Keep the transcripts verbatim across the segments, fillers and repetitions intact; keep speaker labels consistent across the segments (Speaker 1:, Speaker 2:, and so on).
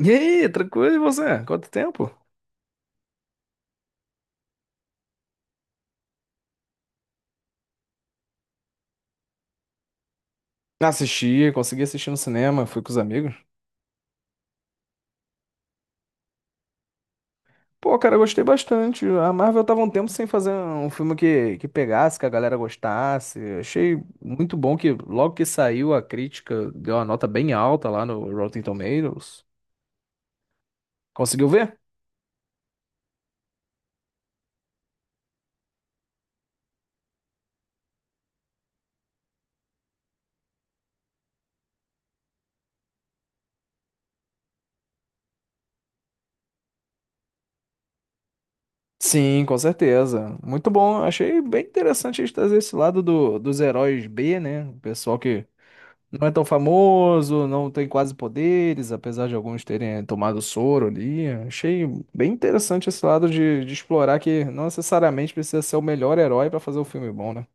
Speaker 1: E aí, tranquilo, e você? Quanto tempo? Assisti, consegui assistir no cinema, fui com os amigos. Pô, cara, eu gostei bastante. A Marvel tava um tempo sem fazer um filme que, que pegasse, que a galera gostasse. Achei muito bom que logo que saiu a crítica deu uma nota bem alta lá no Rotten Tomatoes. Conseguiu ver? Sim, com certeza. Muito bom. Achei bem interessante eles trazer esse lado do, dos heróis B, né? O pessoal que não é tão famoso, não tem quase poderes, apesar de alguns terem tomado soro ali. Achei bem interessante esse lado de, de explorar que não necessariamente precisa ser o melhor herói pra fazer um filme bom, né?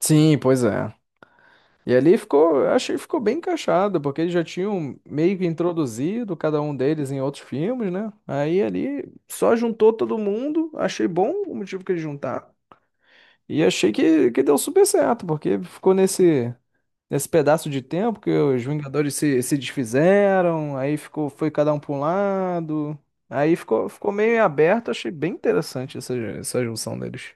Speaker 1: Sim, pois é. E ali ficou, achei que ficou bem encaixado, porque eles já tinham meio que introduzido cada um deles em outros filmes, né? Aí ali só juntou todo mundo, achei bom o motivo que eles juntaram. E achei que, que deu super certo, porque ficou nesse. Nesse pedaço de tempo que os Vingadores se, se desfizeram, aí ficou, foi cada um para um lado. Aí ficou, ficou meio aberto, achei bem interessante essa, essa junção deles.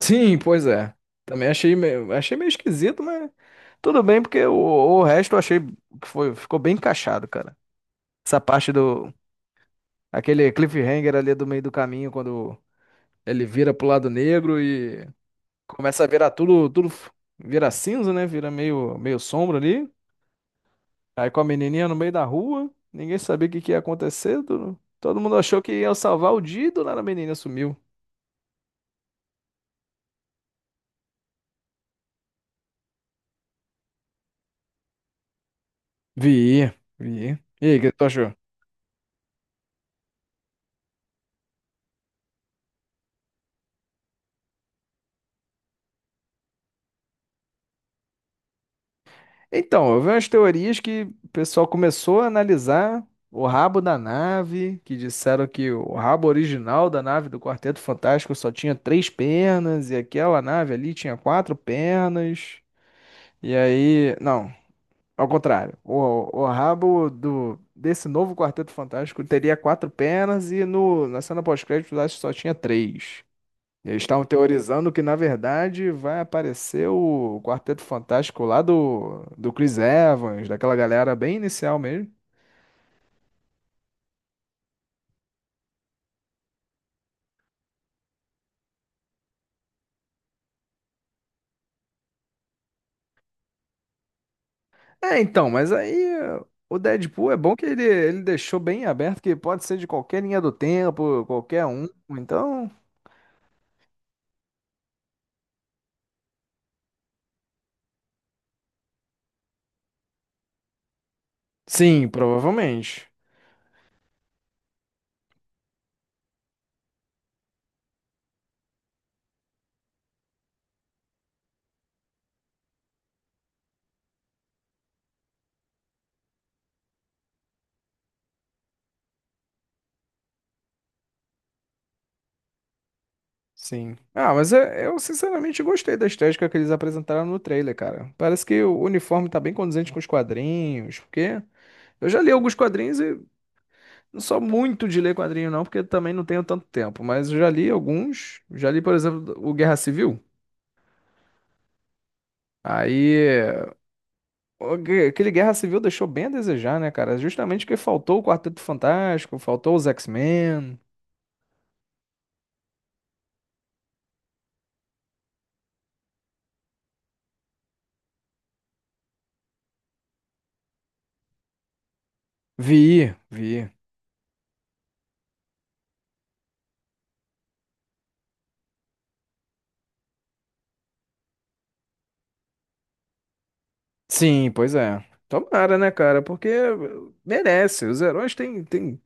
Speaker 1: Sim, pois é. Também achei meio, achei meio esquisito, mas tudo bem, porque o, o resto eu achei que foi, ficou bem encaixado, cara. Essa parte do, aquele cliffhanger ali do meio do caminho, quando ele vira pro lado negro e começa a virar tudo, tudo f- vira cinza, né? Vira meio, meio sombra ali. Aí com a menininha no meio da rua, ninguém sabia o que que ia acontecer. Todo todo mundo achou que ia salvar o dia e do nada a menina sumiu. Vi, vi. E aí, o que tu achou? Então, eu vi umas teorias que o pessoal começou a analisar o rabo da nave, que disseram que o rabo original da nave do Quarteto Fantástico só tinha três pernas, e aquela nave ali tinha quatro pernas. E aí, não. Ao contrário, o, o rabo do, desse novo Quarteto Fantástico teria quatro pernas e no, na cena pós-crédito lá só tinha três. Eles estavam teorizando que, na verdade, vai aparecer o Quarteto Fantástico lá do, do Chris Evans, daquela galera bem inicial mesmo. É, então, mas aí eh, o Deadpool é bom que ele, ele deixou bem aberto que pode ser de qualquer linha do tempo, qualquer um. Então, sim, provavelmente. Sim. Ah, mas é- eu sinceramente gostei da estética que eles apresentaram no trailer, cara. Parece que o uniforme tá bem condizente com os quadrinhos, porque eu já li alguns quadrinhos e não sou muito de ler quadrinho não, porque também não tenho tanto tempo, mas eu já li alguns. Já li, por exemplo, o Guerra Civil. Aí, o gue- aquele Guerra Civil deixou bem a desejar, né, cara? Justamente porque faltou o Quarteto Fantástico, faltou os X-Men. Vi, vi. Sim, pois é. Tomara, né, cara? Porque merece. Os heróis têm, têm...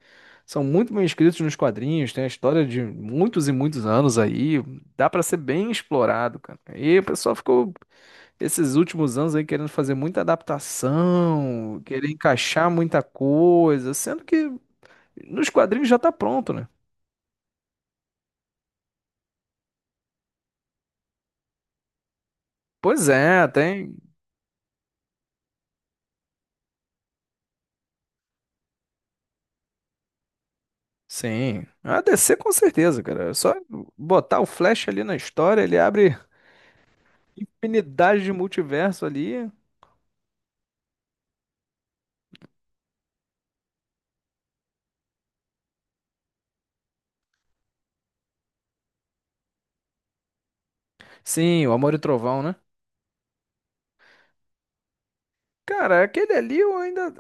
Speaker 1: são muito bem escritos nos quadrinhos, tem a história de muitos e muitos anos aí. Dá pra ser bem explorado, cara. E o pessoal ficou esses últimos anos aí querendo fazer muita adaptação, querer encaixar muita coisa, sendo que nos quadrinhos já tá pronto, né? Pois é, tem. Sim. A D C com certeza, cara. É só botar o Flash ali na história, ele abre. Infinidade de multiverso ali. Sim, o Amor e Trovão, né? Cara, aquele ali eu ainda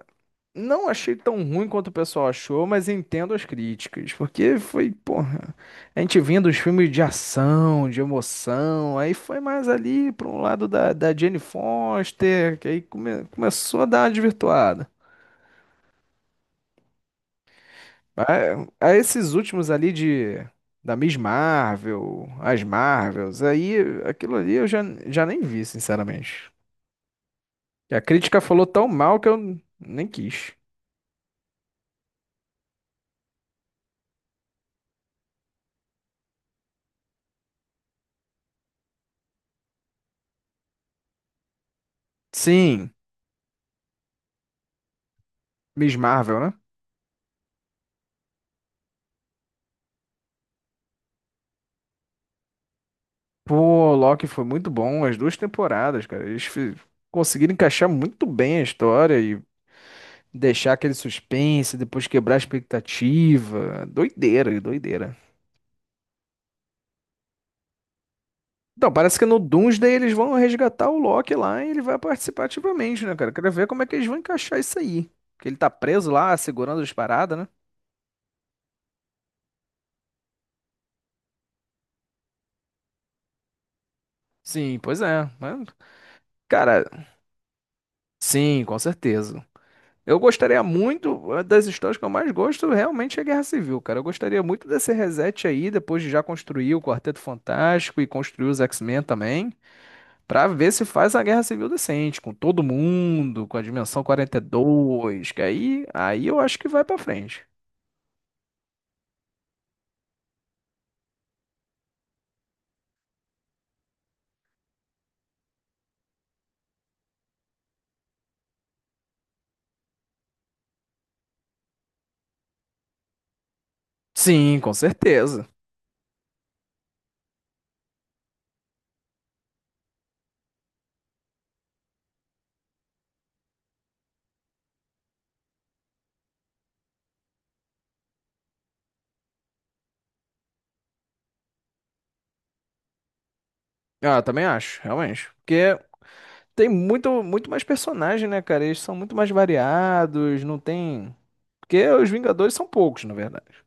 Speaker 1: não achei tão ruim quanto o pessoal achou, mas entendo as críticas, porque foi, porra, a gente vinha dos filmes de ação, de emoção, aí foi mais ali para um lado da, da Jane Foster, que aí come- começou a dar uma desvirtuada. A, a esses últimos ali de da Miss Marvel, as Marvels, aí aquilo ali eu já, já nem vi, sinceramente. Que a crítica falou tão mal que eu nem quis. Sim, Miss Marvel, né? Pô, Loki foi muito bom, as duas temporadas, cara. Eles fi- conseguiram encaixar muito bem a história e deixar aquele suspense, depois quebrar a expectativa. Doideira, doideira. Então, parece que no Doomsday eles vão resgatar o Loki lá e ele vai participar ativamente, né, cara? Quero ver como é que eles vão encaixar isso aí. Porque ele tá preso lá, segurando as paradas, né? Sim, pois é. Mas, cara, sim, com certeza. Eu gostaria muito, uma das histórias que eu mais gosto realmente é Guerra Civil, cara. Eu gostaria muito desse reset aí, depois de já construir o Quarteto Fantástico e construir os X-Men também, pra ver se faz a Guerra Civil decente, com todo mundo, com a Dimensão quarenta e dois, que aí, aí eu acho que vai pra frente. Sim, com certeza. Ah, eu também acho, realmente. Porque tem muito, muito mais personagem, né, cara? Eles são muito mais variados, não tem. Porque os Vingadores são poucos, na verdade.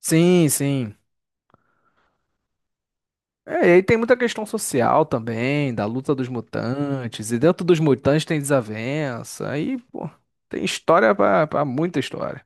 Speaker 1: Sim, sim. É, e aí tem muita questão social também, da luta dos mutantes, e dentro dos mutantes tem desavença, aí, pô, tem história pra, pra muita história.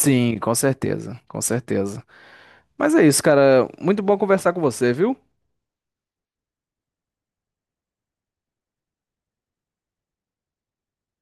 Speaker 1: Sim, com certeza, com certeza. Mas é isso, cara. Muito bom conversar com você, viu?